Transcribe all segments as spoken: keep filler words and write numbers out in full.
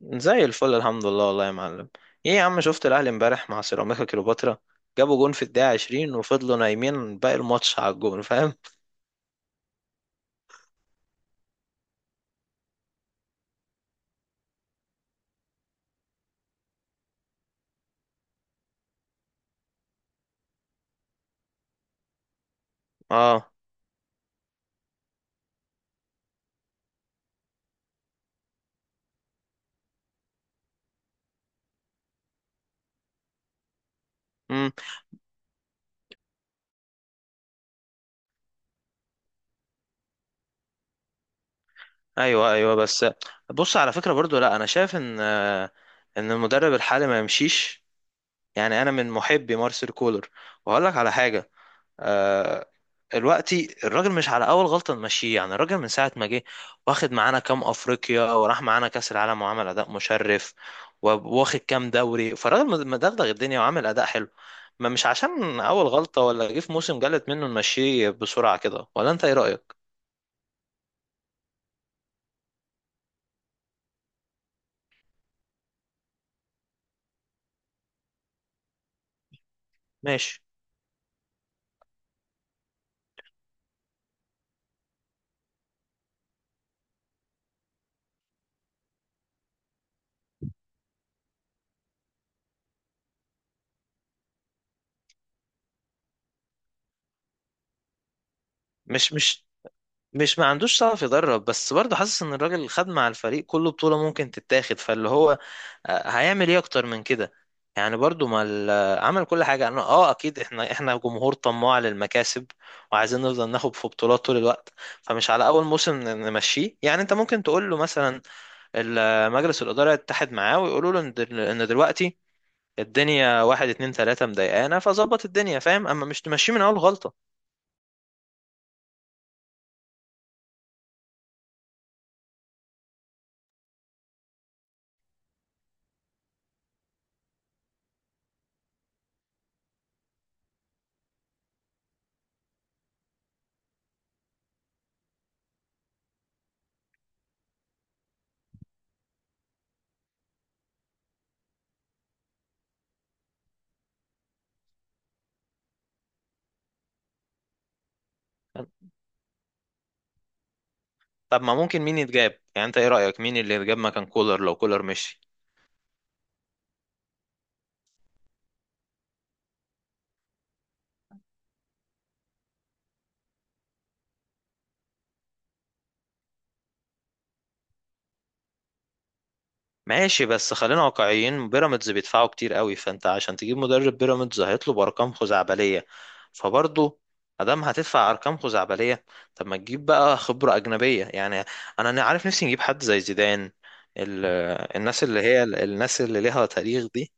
زي الفل، الحمد لله والله يا معلم. ايه يا عم، شفت الاهلي امبارح مع سيراميكا كليوباترا؟ جابوا جون في الدقيقة عشرين وفضلوا نايمين باقي الماتش على الجون، فاهم؟ اه. امم ايوه ايوه، بس بص على فكرة برضو، لا انا شايف ان آه، ان المدرب الحالي ما يمشيش، يعني انا من محبي مارسيل كولر. وهقول لك على حاجة. آه، دلوقتي الراجل مش على اول غلطه نمشيه، يعني الراجل من ساعه ما جه واخد معانا كام افريقيا وراح معانا كاس العالم وعمل اداء مشرف وواخد كام دوري، فالراجل مدغدغ الدنيا وعامل اداء حلو. ما مش عشان اول غلطه ولا جه في موسم جلت منه نمشيه بسرعه كده، ولا انت ايه رايك؟ ماشي. مش مش مش ما عندوش شغف يدرب، بس برضه حاسس ان الراجل خد مع الفريق كله بطولة ممكن تتاخد، فاللي هو آه، هيعمل ايه اكتر من كده؟ يعني برضه ما ال- آه، عمل كل حاجة. انا اه، اكيد احنا احنا جمهور طماع للمكاسب، وعايزين نفضل ناخد في بطولات طول الوقت. فمش على اول موسم ن- نمشيه، يعني انت ممكن تقول له مثلا ال- آه، مجلس الإدارة يتحد معاه ويقولوا له ان دل- إن دلوقتي الدنيا واحد اتنين تلاتة مضايقانا، فظبط الدنيا، فاهم؟ اما مش تمشيه من اول غلطة. طب ما ممكن مين يتجاب؟ يعني انت ايه رأيك مين اللي يتجاب مكان كولر لو كولر مشي؟ ماشي، بس خلينا واقعيين. بيراميدز بيدفعوا كتير قوي، فانت عشان تجيب مدرب بيراميدز هيطلب ارقام خزعبلية. فبرضه ادام هتدفع ارقام خزعبلية، طب ما تجيب بقى خبرة أجنبية، يعني انا أنا عارف نفسي نجيب حد زي زيدان، ال- الناس اللي هي الناس اللي ليها تاريخ دي.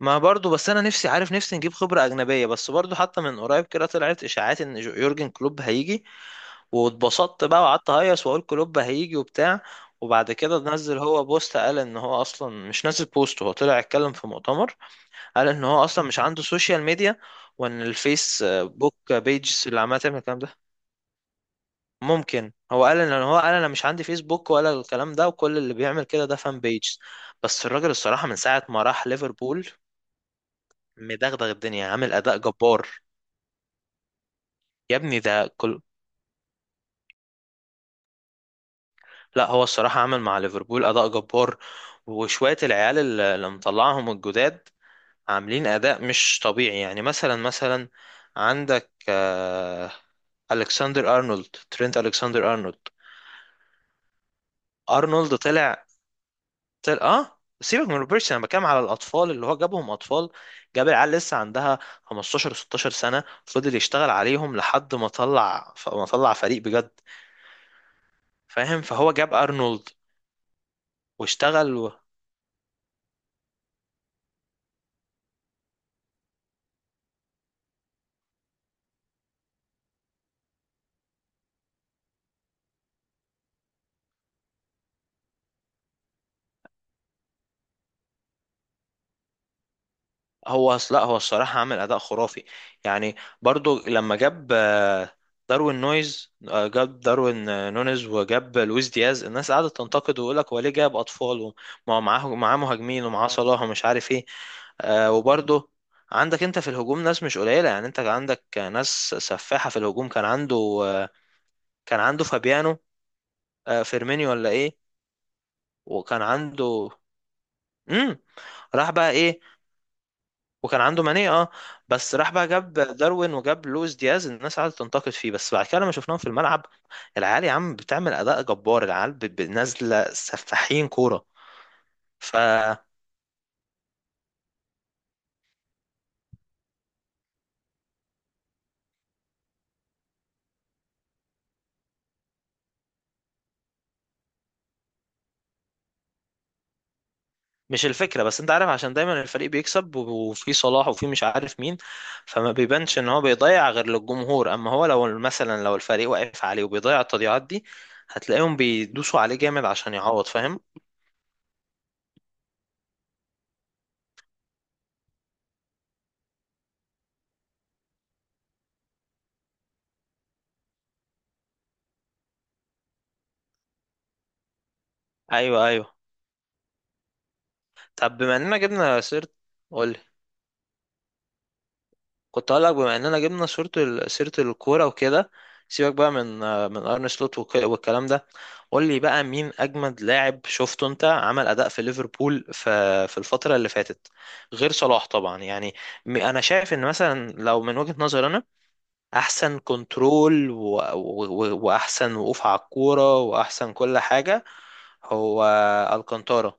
ما برضو، بس انا نفسي عارف نفسي نجيب خبرة أجنبية. بس برضو حتى من قريب كده طلعت إشاعات ان جو- يورجن كلوب هيجي، واتبسطت بقى وقعدت اهيص واقول كلوب هيجي وبتاع. وبعد كده نزل هو بوست، قال ان هو اصلا مش نزل بوست، هو طلع اتكلم في مؤتمر. قال ان هو اصلا مش عنده سوشيال ميديا، وان الفيس بوك بيجز اللي عماله تعمل الكلام ده. ممكن هو قال ان هو قال انا مش عندي فيسبوك ولا الكلام ده، وكل اللي بيعمل كده ده فان بيجز. بس الراجل الصراحة من ساعة ما راح ليفربول مدغدغ الدنيا، عامل اداء جبار. يا ابني ده، لا هو الصراحة عمل مع ليفربول أداء جبار. وشوية العيال اللي اللي مطلعهم الجداد عاملين أداء مش طبيعي، يعني مثلا مثلا عندك آه، ألكسندر أرنولد، ترينت ألكسندر أرنولد. أرنولد طلع، طلع آه سيبك من روبرتسون، أنا بتكلم على الأطفال اللي هو جابهم أطفال، جاب العيال لسه عندها خمستاشر ستاشر سنة، فضل يشتغل عليهم لحد ما طلع، ما طلع فريق بجد، فاهم؟ فهو جاب أرنولد واشتغل. هو أص- لا هو الصراحة عامل أداء خرافي، يعني برضو لما جاب آه، داروين نويز آه، جاب داروين آه، نونيز، وجاب لويس دياز. الناس قعدت تنتقد ويقول لك هو ليه جاب أطفال؟ ومعاه معاه مهاجمين، ومعاه صلاح ومش عارف إيه. آه، وبرضو عندك أنت في الهجوم ناس مش قليلة، يعني أنت عندك آه، ناس سفاحة في الهجوم. كان عنده آه، كان عنده فابيانو، آه، فيرمينيو ولا إيه؟ وكان عنده مم. راح بقى ايه، وكان عنده ماني، اه. بس راح بقى جاب داروين وجاب لويس دياز، الناس قعدت تنتقد فيه، بس بعد كده لما شفناهم في الملعب، العيال يا عم بتعمل اداء جبار. العيال ب- ب- نازله سفاحين كوره، فمش. الفكره بس انت عارف عشان دايما الفريق بيكسب، و- وفي صلاح وفي مش عارف مين، فما بيبانش ان هو بيضيع غير للجمهور. اما هو لو مثلا، لو الفريق واقف عليه وبيضيع التضييعات دي، هتلاقيهم بيدوسوا عليه جامد عشان يعوض، فاهم؟ ايوه ايوه. طب بما اننا جبنا سيرة، قول. كنت هقول لك، بما اننا جبنا سيره، ال- سيره الكوره وكده، سيبك بقى من آه، من ارن سلوت وك- والكلام ده. قول لي بقى مين اجمد لاعب شفته انت عمل اداء في ليفربول في في الفتره اللي فاتت، غير صلاح طبعا. يعني م- انا شايف ان مثلا، لو من وجهه نظري انا، احسن كنترول و... و... و... واحسن وقوف على الكوره واحسن كل حاجه، هو الكانتارا.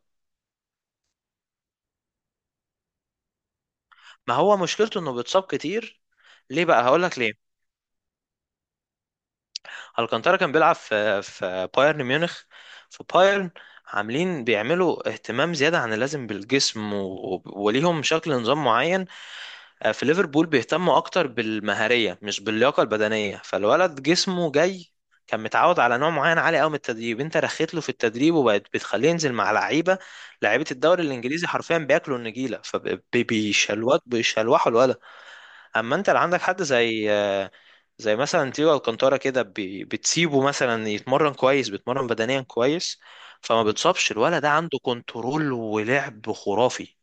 ما هو مشكلته انه بيتصاب كتير. ليه بقى؟ هقول لك ليه. الكانتارا كان بيلعب في في بايرن ميونخ، في بايرن عاملين بيعملوا اهتمام زيادة عن اللازم بالجسم، و... و- وليهم شكل نظام معين. آه، في ليفربول بيهتموا أكتر بالمهارية مش باللياقة البدنية، فالولد جسمه جاي كان متعود على نوع معين عالي قوي من التدريب، انت رخيت له في التدريب وبقت بتخليه ينزل مع لعيبه، لعيبه الدوري الانجليزي حرفيا بياكلوا النجيله، فبيشلوت بيشلوحوا الولد. اما انت اللي عندك حد زي زي مثلا تيجو الكانتارا كده، بي- بتسيبه مثلا يتمرن كويس، بيتمرن بدنيا كويس، فما بتصابش. الولد ده عنده كنترول ولعب خرافي.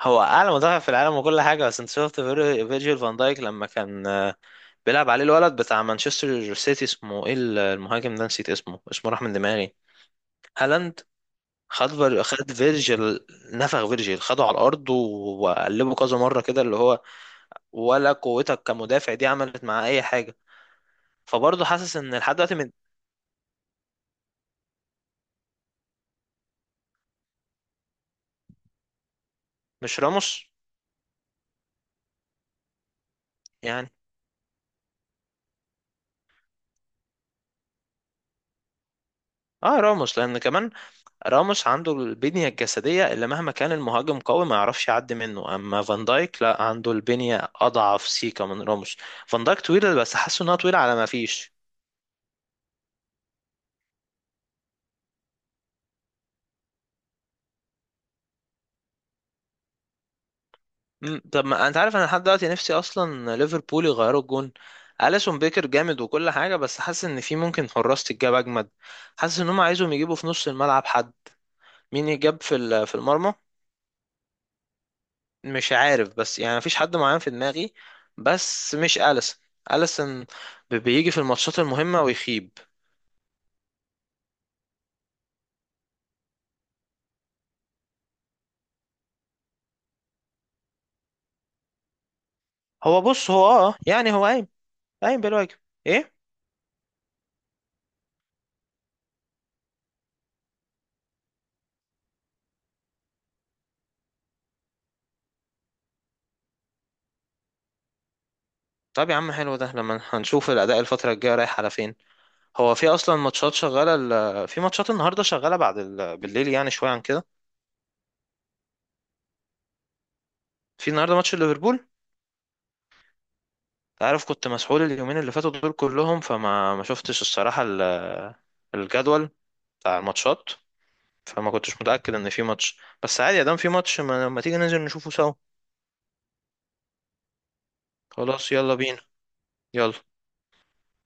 هو اعلى مدافع في العالم وكل حاجه، بس انت شفت فير- فيرجيل فان دايك لما كان آه، بيلعب عليه الولد بتاع مانشستر سيتي، اسمه ايه، ال- المهاجم ده نسيت اسمه اسمه راح من دماغي. هالاند. خد فير- خد فيرجيل، نفخ فيرجيل خده على الارض وقلبه كذا مره كده، اللي هو ولا قوتك كمدافع دي عملت مع اي حاجه. فبرضه حاسس ان لحد دلوقتي من- مش راموس، يعني. اه، راموس لان كمان راموس عنده البنيه الجسديه اللي مهما كان المهاجم قوي ما يعرفش يعدي منه. اما فان دايك لا، عنده البنيه اضعف سيكا من راموس. فان دايك طويله بس حاسه انها طويله على ما فيش. مم، طب ما انت عارف، انا لحد دلوقتي نفسي اصلا ليفربول يغيروا الجون. اليسون بيكر جامد وكل حاجه، بس حاسس ان في ممكن حراس تتجاب اجمد، حاسس ان هم عايزهم يجيبوا في نص الملعب حد. مين يجاب في ال- في المرمى؟ مش عارف، بس يعني مفيش حد معين في دماغي، بس مش أليسن. أليسن ب- بيجي في الماتشات المهمة ويخيب. هو بص، هو اه يعني هو قايم، قايم بالواجب. ايه. طب يا عم حلو، ده لما هنشوف الأداء الفترة الجاية رايح على فين. هو في أصلا ماتشات شغالة ال... في ماتشات النهاردة شغالة بعد ال... بالليل، يعني شوية عن كده. في النهاردة ماتش ليفربول. انت عارف كنت مسحول اليومين اللي فاتوا دول كلهم، فما ما شفتش الصراحة ال... الجدول بتاع الماتشات، فما كنتش متأكد ان في ماتش، بس عادي يا دام في ماتش، ما, ما تيجي ننزل نشوفه سوا. خلاص يلا بينا. يلا.